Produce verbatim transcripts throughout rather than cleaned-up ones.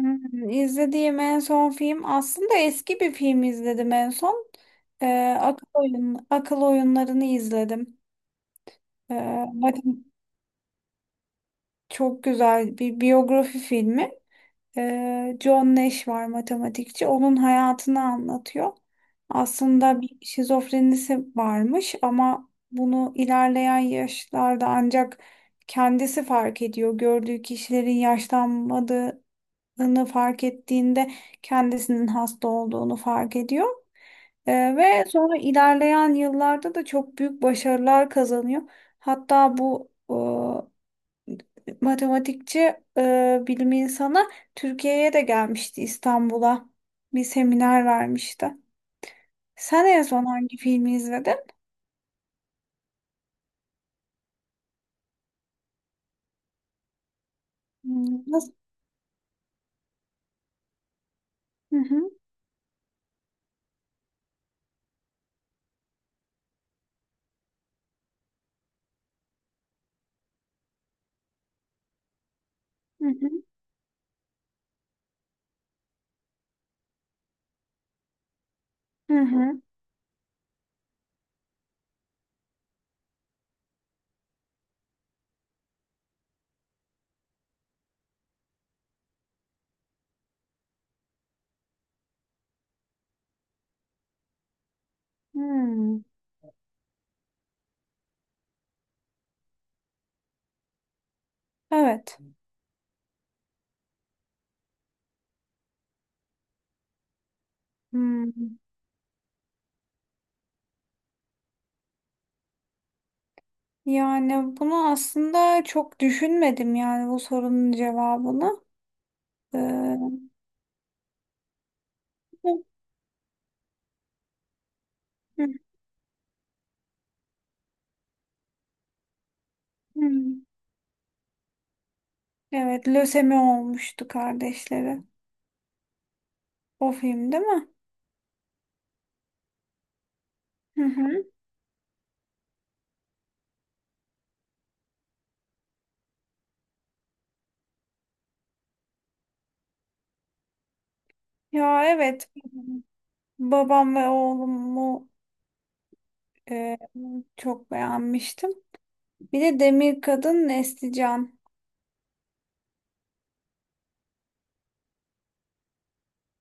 Hmm, İzlediğim en son film aslında eski bir film izledim en son. Ee, akıl oyun, akıl oyunlarını izledim. Ee, bakın çok güzel bir biyografi filmi. Ee, John Nash var matematikçi. Onun hayatını anlatıyor. Aslında bir şizofrenisi varmış ama bunu ilerleyen yaşlarda ancak kendisi fark ediyor. Gördüğü kişilerin yaşlanmadığı hastalandığını fark ettiğinde kendisinin hasta olduğunu fark ediyor. Ee, ve sonra ilerleyen yıllarda da çok büyük başarılar kazanıyor. Hatta bu e, matematikçi, e, bilim insanı Türkiye'ye de gelmişti, İstanbul'a. Bir seminer vermişti. Sen en son hangi filmi izledin? Hmm. Nasıl? Hı hı, hı hı, hı hı, hı. Evet. Hmm. Yani bunu aslında çok düşünmedim yani bu sorunun cevabını. Ee, Hı, hı, hı. Evet, lösemi olmuştu kardeşleri. O film değil mi? Hı hı. Ya evet. Babam ve Oğlumu e, çok beğenmiştim. Bir de Demir Kadın Nesli Can.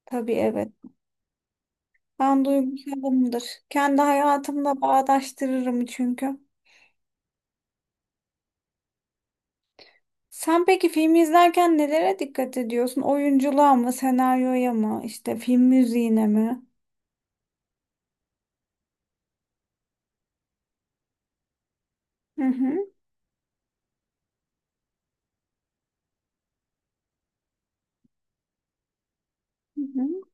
Tabii evet. Ben duygusalımdır. Kendi hayatımla bağdaştırırım çünkü. Sen peki filmi izlerken nelere dikkat ediyorsun? Oyunculuğa mı, senaryoya mı, işte film müziğine mi? Hı hı, hı hı,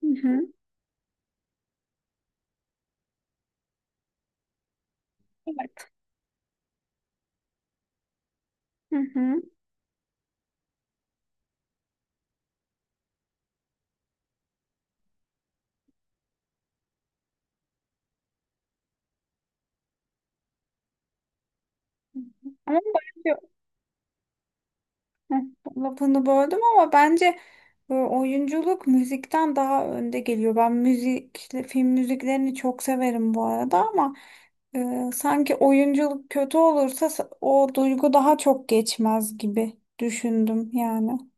hı hı. Evet. Hı hı. Hı hı. Ama bence hı, lafını böldüm ama bence e, oyunculuk müzikten daha önde geliyor. Ben müzik, işte film müziklerini çok severim bu arada ama e, sanki oyunculuk kötü olursa sa- o duygu daha çok geçmez gibi düşündüm yani.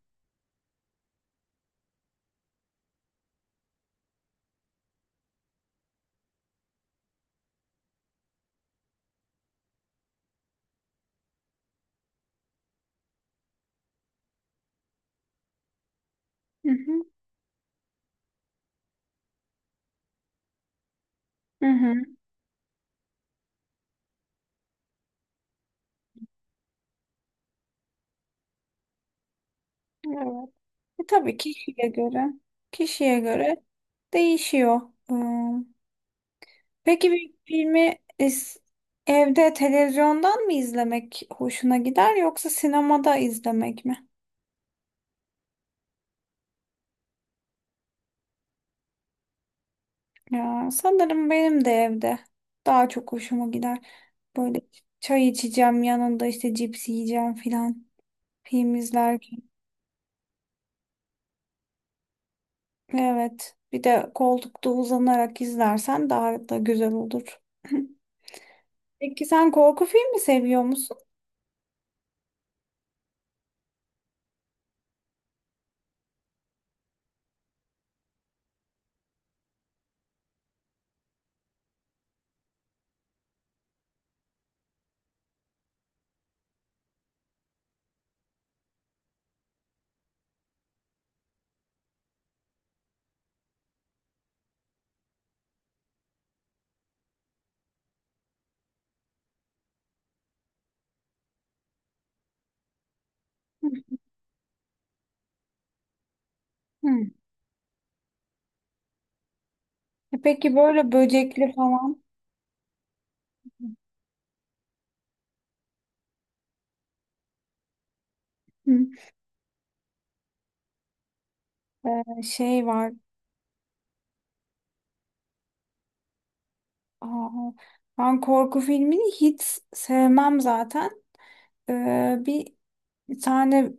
Hı hı. Hı hı. Evet. E, tabii kişiye göre kişiye göre değişiyor. Hmm. Peki bir filmi is- evde televizyondan mı izlemek hoşuna gider yoksa sinemada izlemek mi? Ya, sanırım benim de evde daha çok hoşuma gider. Böyle çay içeceğim yanında işte cips yiyeceğim filan film izlerken. Evet bir de koltukta uzanarak izlersen daha da güzel olur. Peki sen korku filmi seviyor musun? Hı. E peki böyle böcekli falan hı. E, şey var. Aa, ben korku filmini hiç sevmem zaten. E, bir tane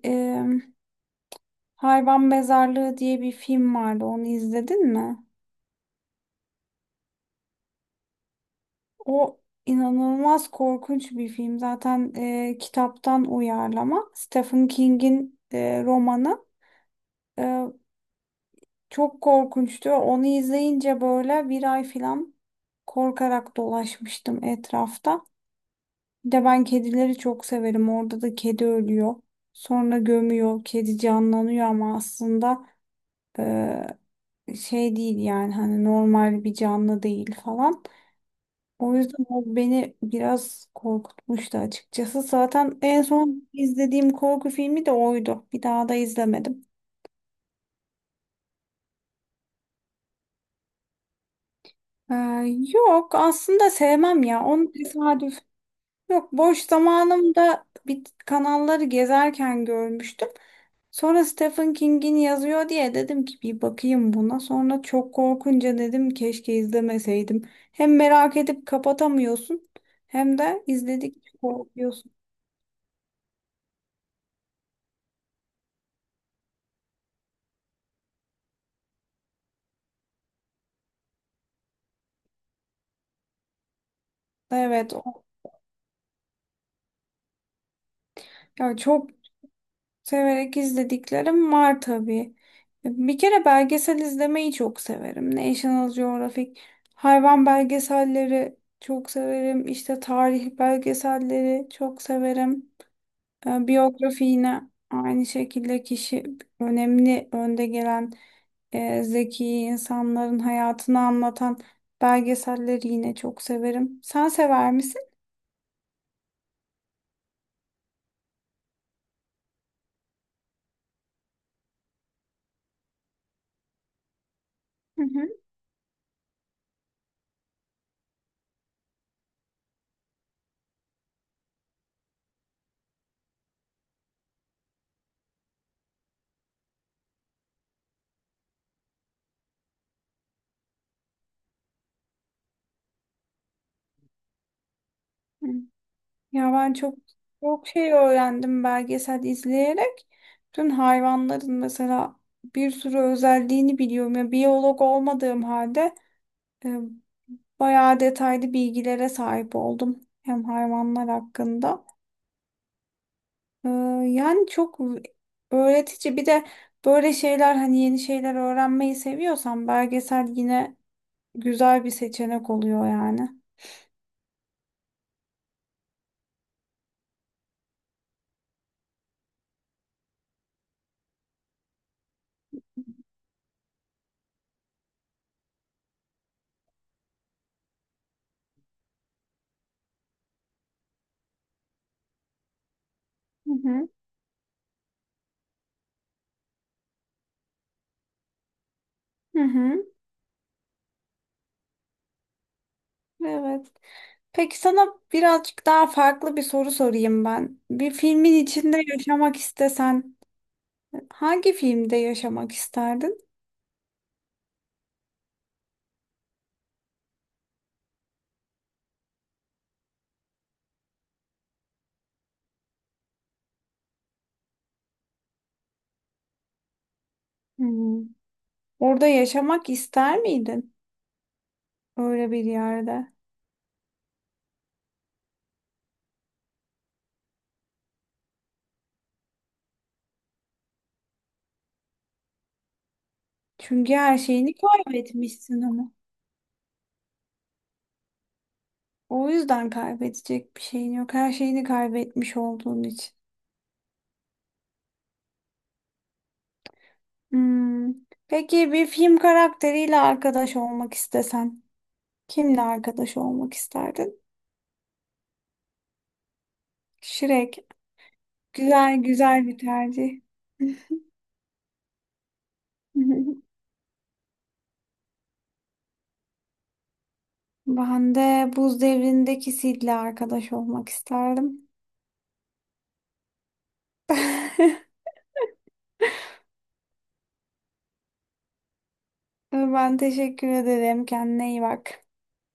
Hayvan Mezarlığı diye bir film vardı. Onu izledin mi? O inanılmaz korkunç bir film. Zaten e, kitaptan uyarlama. Stephen King'in e, romanı. E, Çok korkunçtu. Onu izleyince böyle bir ay falan korkarak dolaşmıştım etrafta. Bir de ben kedileri çok severim. Orada da kedi ölüyor. Sonra gömüyor. Kedi canlanıyor ama aslında e, şey değil yani hani normal bir canlı değil falan. O yüzden o beni biraz korkutmuştu açıkçası. Zaten en son izlediğim korku filmi de oydu. Bir daha da izlemedim. Ee, Yok aslında sevmem ya. Onu tesadüf. Yok boş zamanımda bir kanalları gezerken görmüştüm. Sonra Stephen King'in yazıyor diye dedim ki bir bakayım buna. Sonra çok korkunca dedim keşke izlemeseydim. Hem merak edip kapatamıyorsun hem de izledik korkuyorsun. Evet, o- ya çok severek izlediklerim var tabii. E, Bir kere belgesel izlemeyi çok severim. National Geographic, hayvan belgeselleri çok severim. İşte tarih belgeselleri çok severim. Ee, Biyografi yine aynı şekilde kişi önemli önde gelen e, zeki insanların hayatını anlatan belgeselleri yine çok severim. Sen sever misin? Hı hı. Ya ben çok çok şey öğrendim belgesel izleyerek. Bütün hayvanların mesela bir sürü özelliğini biliyorum. Ya biyolog olmadığım halde e, bayağı detaylı bilgilere sahip oldum hem hayvanlar hakkında. E, Yani çok öğretici. Bir de böyle şeyler hani yeni şeyler öğrenmeyi seviyorsan belgesel yine güzel bir seçenek oluyor yani. Hı hı. Hı hı. Evet. Peki sana birazcık daha farklı bir soru sorayım ben. Bir filmin içinde yaşamak istesen hangi filmde yaşamak isterdin? Hmm. Orada yaşamak ister miydin? Öyle bir yerde. Çünkü her şeyini kaybetmişsin ama. O yüzden kaybedecek bir şeyin yok. Her şeyini kaybetmiş olduğun için. Hmm. Peki bir film karakteriyle arkadaş olmak istesen, kimle arkadaş olmak isterdin? Shrek. Güzel güzel bir tercih. Ben de buz devrindeki Sid'le arkadaş olmak isterdim. Ben teşekkür ederim. Kendine iyi bak.